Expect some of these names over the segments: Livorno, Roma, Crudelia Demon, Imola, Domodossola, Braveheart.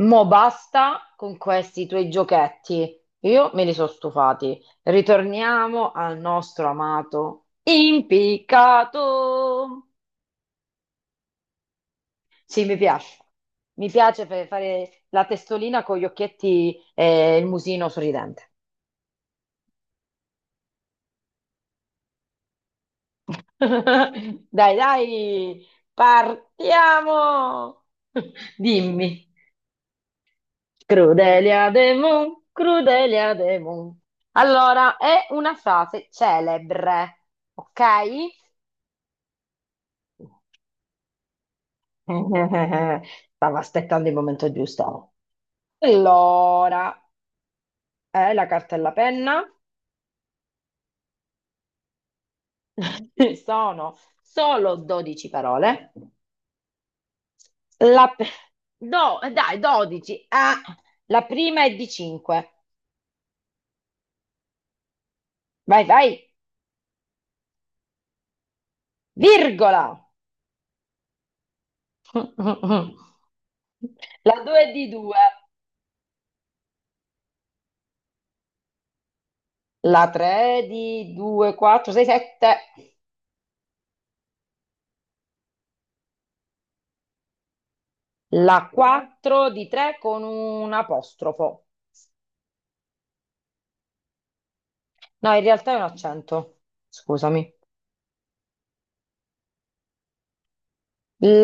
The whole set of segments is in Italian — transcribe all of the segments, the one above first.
Mo basta con questi tuoi giochetti. Io me li sono stufati. Ritorniamo al nostro amato impiccato. Sì, mi piace. Mi piace per fare la testolina con gli occhietti e il musino sorridente. Dai, dai, partiamo. Dimmi. Crudelia Demon, Crudelia Demon. Allora, è una frase celebre, ok? Stavo aspettando il momento giusto. Allora, la carta e la penna sono solo 12 parole. La pe- dai, 12. Ah, la prima è di 5. Vai, vai, virgola. La 2 è di 2. La 3 di 2, 4, 6, 7. La 4 di 3 con un apostrofo. No, in realtà è un accento. Scusami.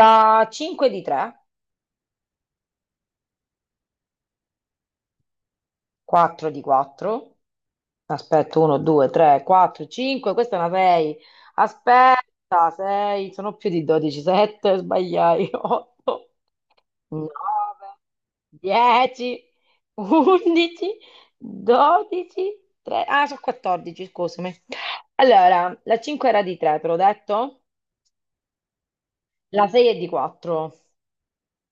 La 5 di 3, 4 di 4. Aspetta, 1, 2, 3, 4, 5. Questa è una 6. Aspetta, 6. Sono più di 12, 7. Sbagliai. 8. 9, 10, 11, 12, 3. Ah, sono 14, scusami. Allora, la 5 era di 3, te l'ho detto? La 6 è di 4,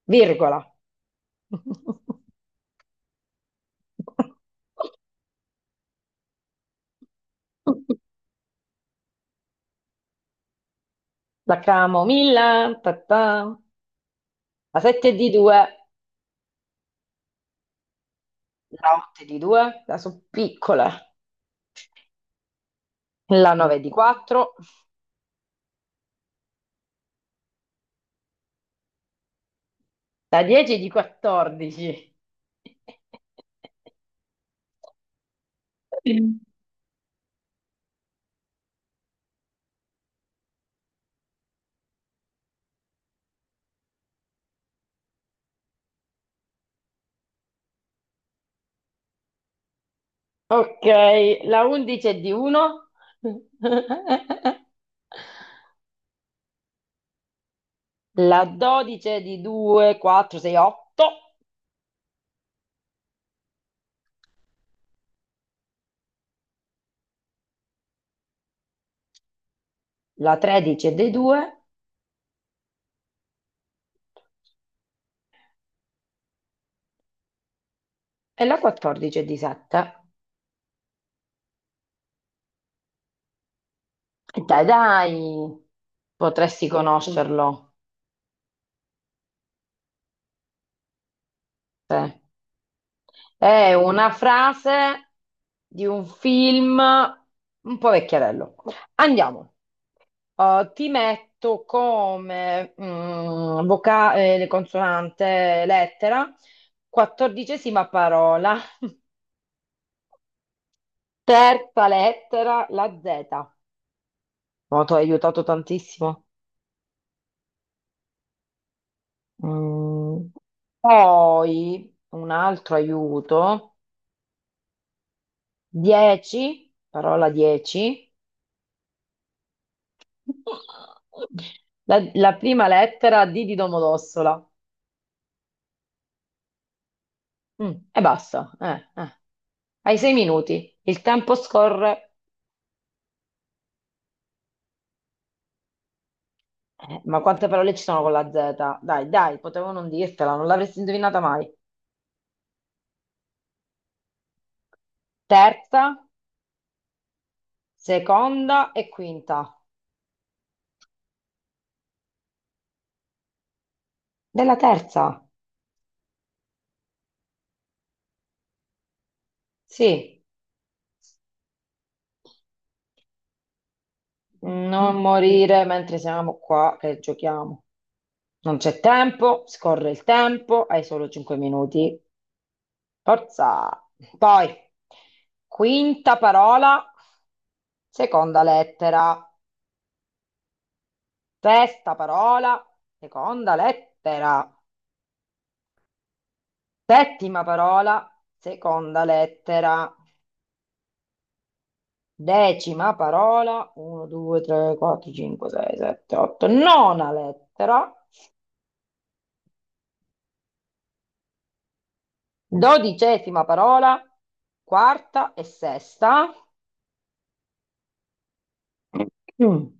virgola. La camomilla, ta ta. La 7 è di 2, la 8 è di 2, la sono piccole. La 9 è di 4, la 10 è di 14. Ok, la 11 è di 1, la 12 è di 2, 4, 6, 8, la 13 è di 2 e la 14 è di 7. E dai, dai, potresti conoscerlo. Sì. È una frase di un film un po' vecchiarello. Andiamo. Ti metto come vocale, consonante, lettera, quattordicesima parola, terza lettera, la Z. Oh, ti ho aiutato tantissimo. Mm. Poi un altro aiuto, 10, parola 10, la prima lettera D di Domodossola. E basta. Hai 6 minuti, il tempo scorre. Ma quante parole ci sono con la Z? Dai, dai, potevo non dirtela, non l'avresti indovinata mai. Terza, seconda e quinta. Della terza. Sì, non morire mentre siamo qua che giochiamo. Non c'è tempo, scorre il tempo, hai solo 5 minuti. Forza. Poi, quinta parola, seconda lettera. Sesta parola, seconda lettera. Settima parola, seconda lettera. Decima parola, 1, 2, 3, 4, 5, 6, 7, 8, nona lettera, dodicesima parola, quarta e sesta, Mm.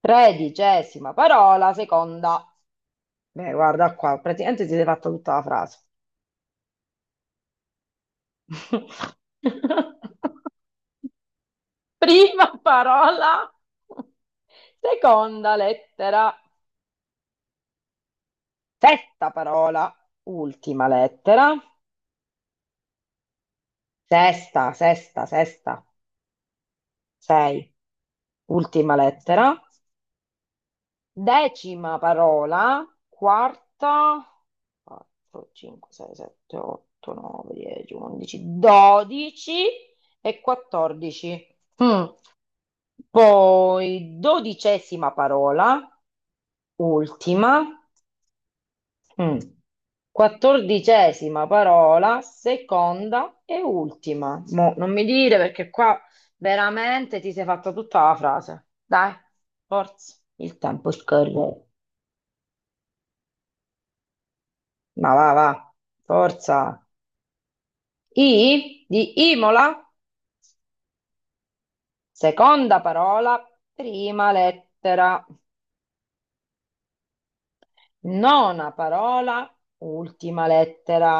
tredicesima parola, seconda. Beh, guarda qua, praticamente si è fatta tutta la frase. Prima parola, seconda lettera, sesta parola, ultima lettera, sesta, sesta, sesta, sei. Ultima lettera. Decima parola, quarta, 4, 5, 6, 7, 8, 9, 10, 11, 12 e 14. Mm. Poi dodicesima parola, ultima, Mm. quattordicesima parola, seconda e ultima. Mo, non mi dire perché qua veramente ti sei fatta tutta la frase. Dai, forza, il tempo scorre. Ma va, va, forza. I di Imola, seconda parola, prima lettera, nona parola, ultima lettera,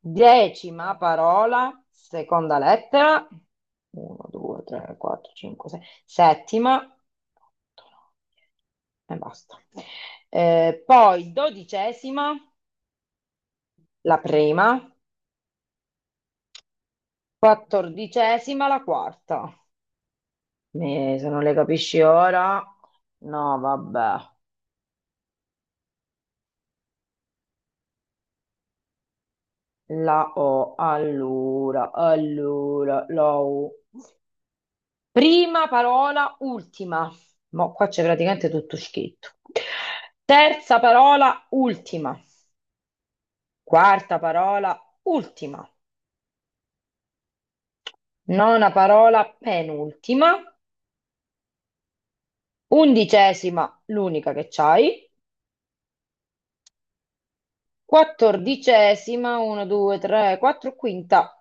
decima parola, seconda lettera, 1, 2, 3, 4, 5, 6, settima, otto, nove, 10. E basta. Poi dodicesima, la prima, quattordicesima, la quarta. Se non le capisci ora, no, vabbè. La O, allora, la U. Prima parola, ultima. Mo' qua c'è praticamente tutto scritto. Terza parola, ultima. Quarta parola, ultima. Nona parola, penultima. Undicesima, l'unica che c'hai. Quattordicesima, 1, 2, 3, 4, quinta.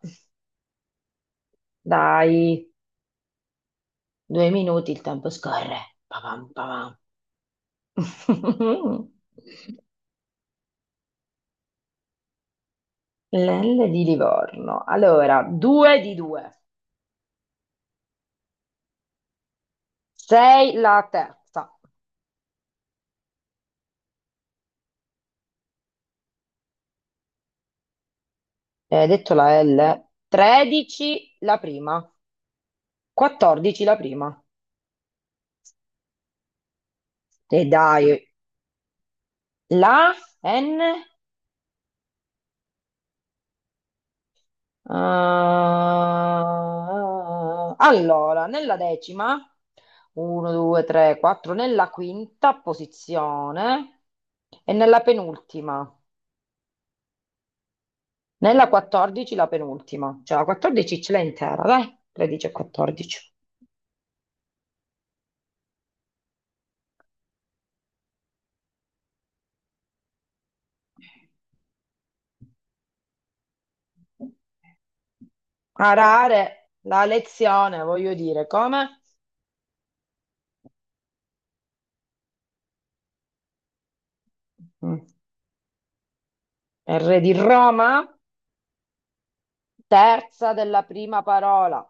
Dai. 2 minuti il tempo scorre. Papam, papam. L'L di Livorno. Allora, due di due. Sei la terza. Detto la L. 13 la prima. 14 la prima. E dai, la N. Ah, allora, nella decima, 1, 2, 3, 4, nella quinta posizione e nella penultima. Nella 14 la penultima, cioè la 14 ce l'hai intera, dai, 13 e 14. Arare, la lezione, voglio dire, come? Mm. R di Roma, terza della prima parola,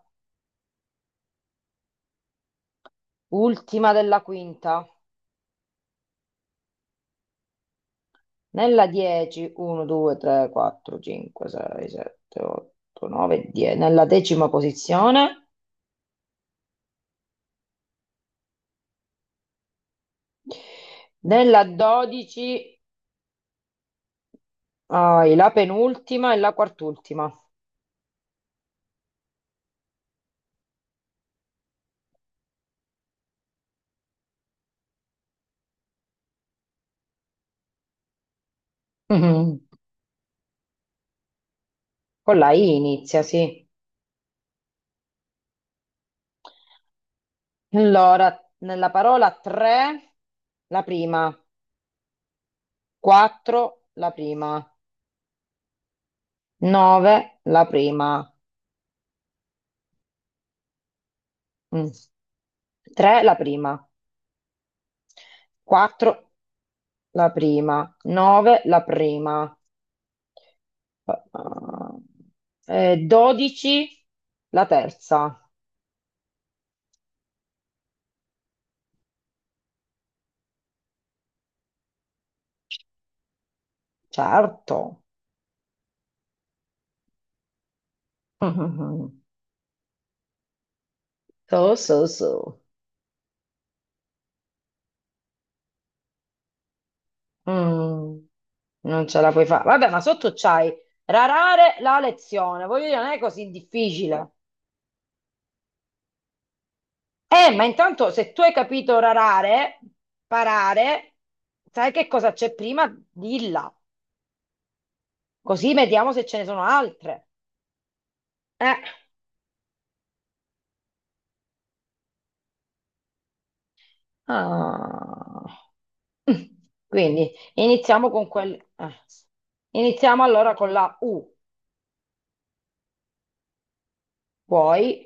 ultima della quinta. Nella 10, 1, 2, 3, 4, 5, 6, 7, 8, 9, 10. Nella decima posizione. Nella 12, hai la penultima e la quartultima. Mm. Con la I inizia, sì. Allora, nella parola 3, la prima, 4, la prima, 9, la prima, 3, la prima, 4, la prima, 9, la prima, 12, la terza. Certo. Mhm. So, so, so. Mm, non ce la puoi fare. Vabbè, ma sotto c'hai rarare la lezione. Voglio dire, non è così difficile. Ma intanto se tu hai capito rarare, parare, sai che cosa c'è prima? Dilla, così vediamo se ce ne sono altre. Eh. Ah. Mm. Quindi iniziamo con quel. Iniziamo allora con la U. Puoi?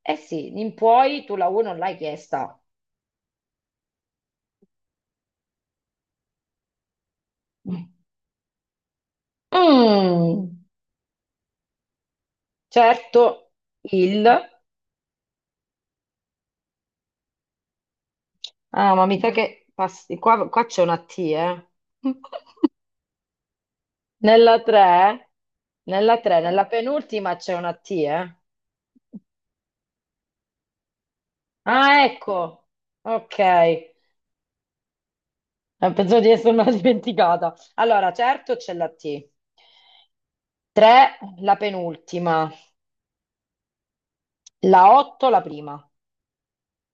Eh sì, in puoi tu la U non l'hai chiesta. Mm, certo, il... Ah, ma mi sa che... passi- Qua, qua c'è una T, eh. Nella 3, nella 3, nella penultima c'è una T, eh? Ah, ecco. Ok. Pensavo di essermela dimenticata. Allora, certo c'è la T. 3, la penultima. La 8, la prima.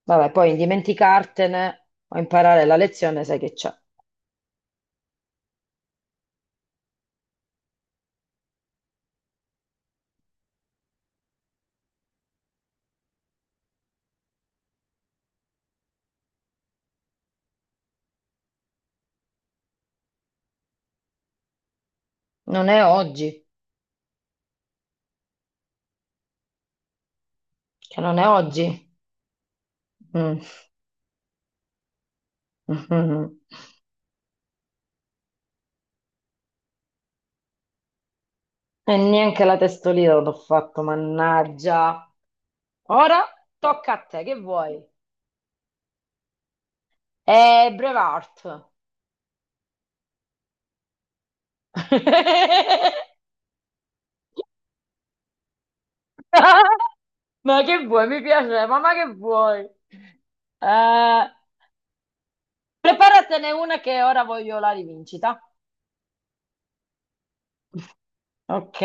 Vabbè, poi dimenticartene o imparare la lezione, sai che c'è. Non è oggi, che non è oggi. Mm. E neanche la testolina l'ho fatto, mannaggia. Ora tocca a te, che vuoi? Braveheart. Ma che vuoi? Mi piace, mamma che vuoi? Eh, preparatene una che ora voglio la rivincita. Ok.